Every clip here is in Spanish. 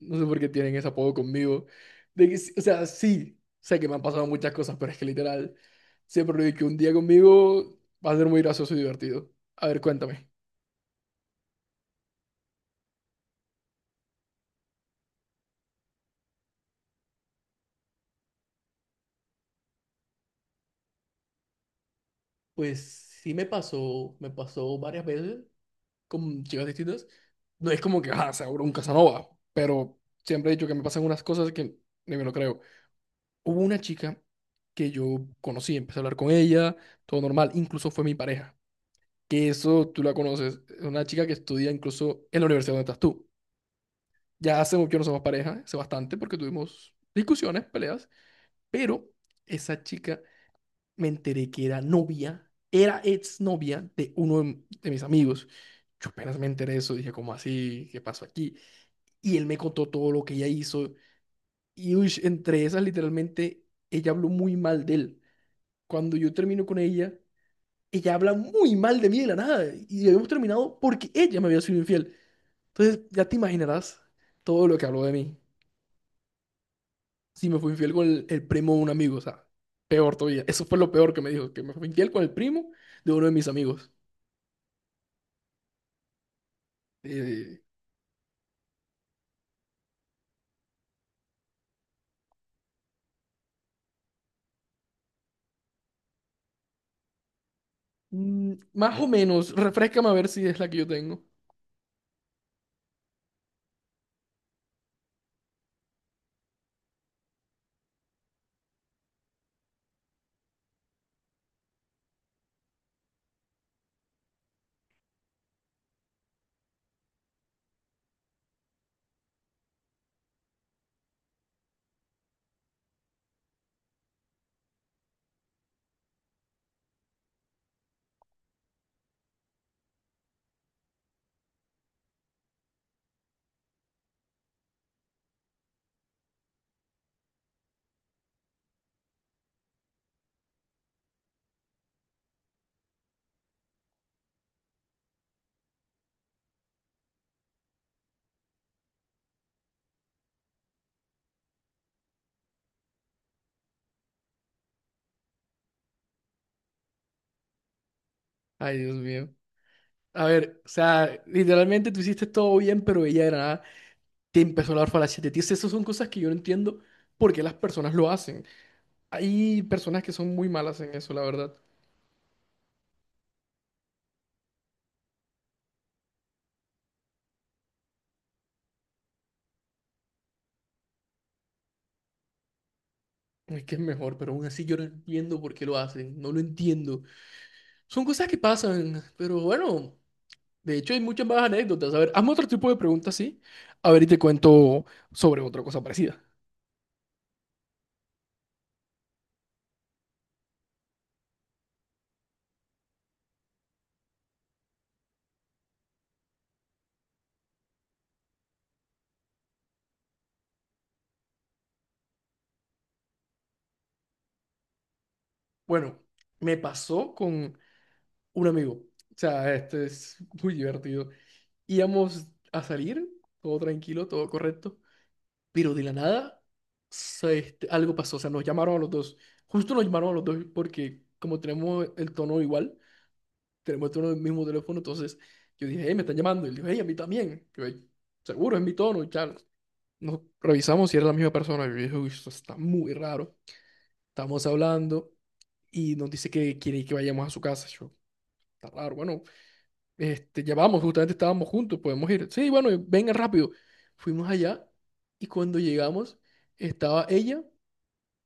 No sé por qué tienen ese apodo conmigo. De que, sí, sé que me han pasado muchas cosas, pero es que literal, siempre lo digo que un día conmigo va a ser muy gracioso y divertido. A ver, cuéntame. Pues sí me pasó varias veces con chicas distintas. No es como que, ah, seguro un Casanova, pero siempre he dicho que me pasan unas cosas que ni me lo creo. Hubo una chica que yo conocí, empecé a hablar con ella, todo normal, incluso fue mi pareja. Que eso tú la conoces, es una chica que estudia incluso en la universidad donde estás tú. Ya hace mucho que no somos pareja, hace bastante, porque tuvimos discusiones, peleas, pero esa chica me enteré que era novia, era exnovia de mis amigos. Yo apenas me enteré de eso, dije, ¿cómo así? ¿Qué pasó aquí? Y él me contó todo lo que ella hizo. Y uy, entre esas, literalmente, ella habló muy mal de él. Cuando yo termino con ella, ella habla muy mal de mí de la nada. Y habíamos terminado porque ella me había sido infiel. Entonces, ya te imaginarás todo lo que habló de mí. Si me fui infiel con el primo de un amigo, o sea, peor todavía. Eso fue lo peor que me dijo, que me fui infiel con el primo de uno de mis amigos. Eh, Más o menos, refréscame a ver si es la que yo tengo. Ay, Dios mío. A ver, o sea, literalmente tú hiciste todo bien, pero ella era nada. Te empezó a hablar falacias de ti. Esas son cosas que yo no entiendo por qué las personas lo hacen. Hay personas que son muy malas en eso, la verdad. Es que es mejor, pero aún así yo no entiendo por qué lo hacen. No lo entiendo. Son cosas que pasan, pero bueno, de hecho hay muchas más anécdotas. A ver, hazme otro tipo de preguntas, sí. A ver, y te cuento sobre otra cosa parecida. Bueno, me pasó con un amigo. O sea, esto es muy divertido. Íbamos a salir, todo tranquilo, todo correcto, pero de la nada algo pasó. O sea, nos llamaron a los dos. Justo nos llamaron a los dos porque como tenemos el tono igual, tenemos el mismo teléfono, entonces yo dije, hey, me están llamando. Y él dijo, hey, a mí también. Yo, "Ey, seguro, es mi tono", y tal. Nos revisamos si era la misma persona. Y yo dije, uy, esto está muy raro. Estamos hablando y nos dice que quiere que vayamos a su casa. Yo, está raro, bueno, ya vamos, justamente estábamos juntos, podemos ir. Sí, bueno, vengan rápido. Fuimos allá y cuando llegamos estaba ella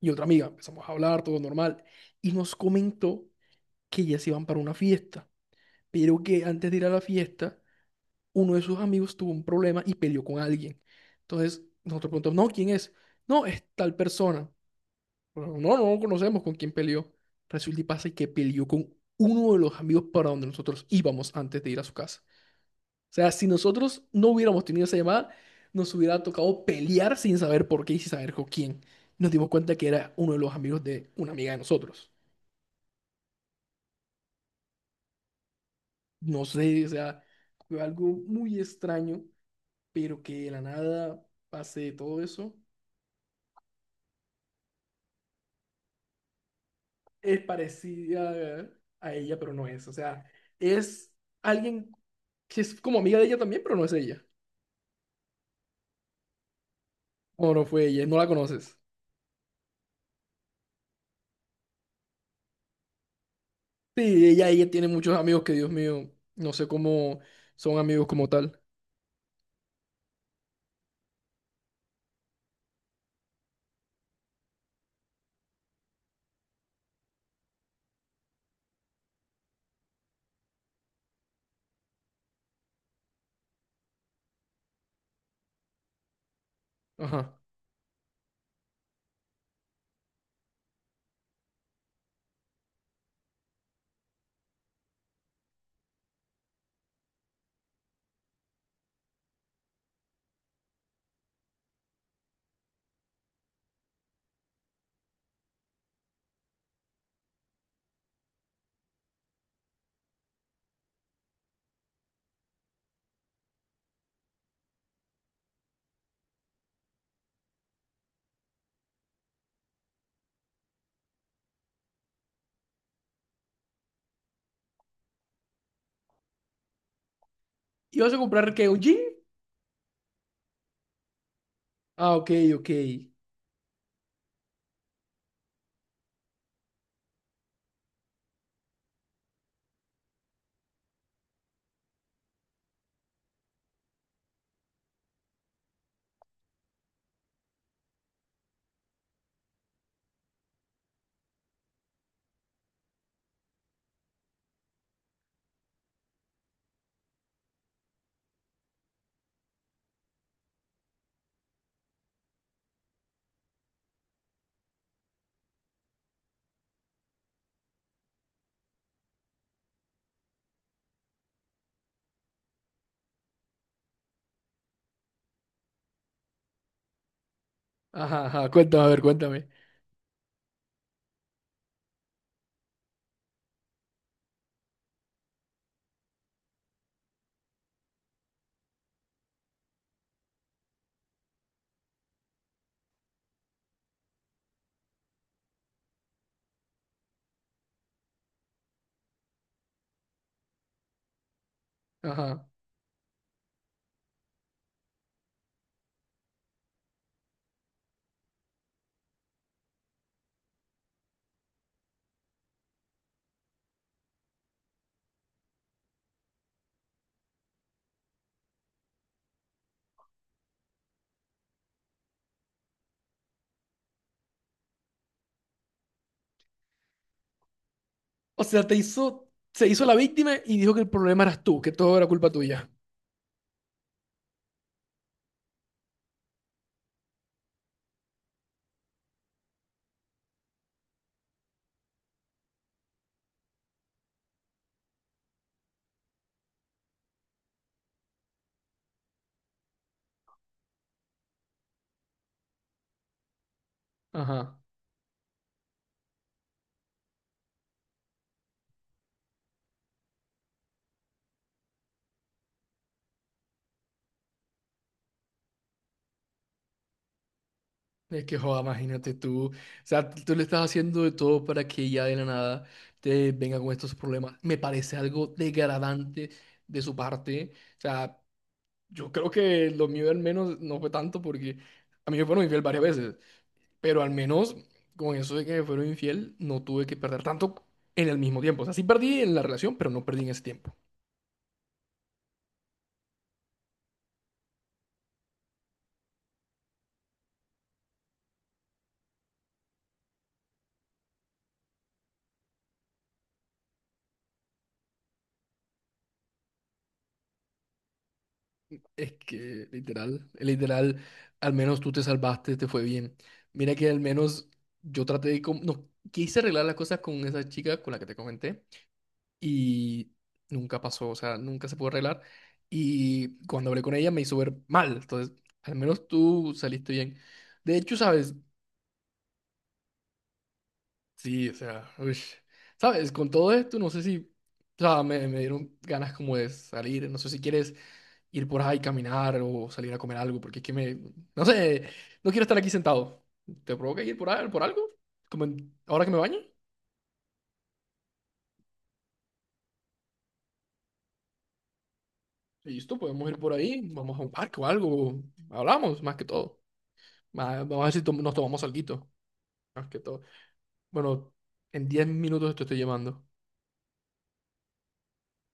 y otra amiga. Empezamos a hablar, todo normal. Y nos comentó que ellas iban para una fiesta, pero que antes de ir a la fiesta uno de sus amigos tuvo un problema y peleó con alguien. Entonces, nosotros preguntamos, no, ¿quién es? No, es tal persona. Bueno, no conocemos con quién peleó. Resulta y pasa que peleó con uno de los amigos para donde nosotros íbamos antes de ir a su casa. O sea, si nosotros no hubiéramos tenido esa llamada, nos hubiera tocado pelear sin saber por qué y sin saber con quién. Nos dimos cuenta que era uno de los amigos de una amiga de nosotros. No sé, o sea, fue algo muy extraño, pero que de la nada pase todo eso. Es parecida a ella, pero no es. O sea, es alguien que es como amiga de ella también, pero no es ella. O no fue ella, no la conoces. Sí, ella tiene muchos amigos que, Dios mío, no sé cómo son amigos como tal. Ajá. ¿Y vas a comprar qué? ¿Un jean? Ah, ok, ok. Ajá, ajá. Cuéntame, a ver, cuéntame. Ajá. O sea, te hizo, se hizo la víctima y dijo que el problema eras tú, que todo era culpa tuya. Ajá. Es que, joda, imagínate tú, o sea, tú le estás haciendo de todo para que ya de la nada te venga con estos problemas. Me parece algo degradante de su parte. O sea, yo creo que lo mío al menos no fue tanto porque a mí me fueron infiel varias veces, pero al menos con eso de que me fueron infiel no tuve que perder tanto en el mismo tiempo. O sea, sí perdí en la relación, pero no perdí en ese tiempo. Es que literal, literal, al menos tú te salvaste, te fue bien. Mira que al menos yo traté de... No, quise arreglar las cosas con esa chica con la que te comenté y nunca pasó, o sea, nunca se pudo arreglar. Y cuando hablé con ella me hizo ver mal, entonces al menos tú saliste bien. De hecho, ¿sabes? Sí, o sea, uy. ¿Sabes? Con todo esto, no sé si, o sea, me dieron ganas como de salir, no sé si quieres ir por ahí, caminar o salir a comer algo, porque es que me, no sé, no quiero estar aquí sentado. ¿Te provoca ir por ahí, por algo? Como ahora que me baño, listo, podemos ir por ahí, vamos a un parque o algo, hablamos más que todo. Vamos a ver si nos tomamos alguito, más que todo. Bueno, en 10 minutos te estoy llamando.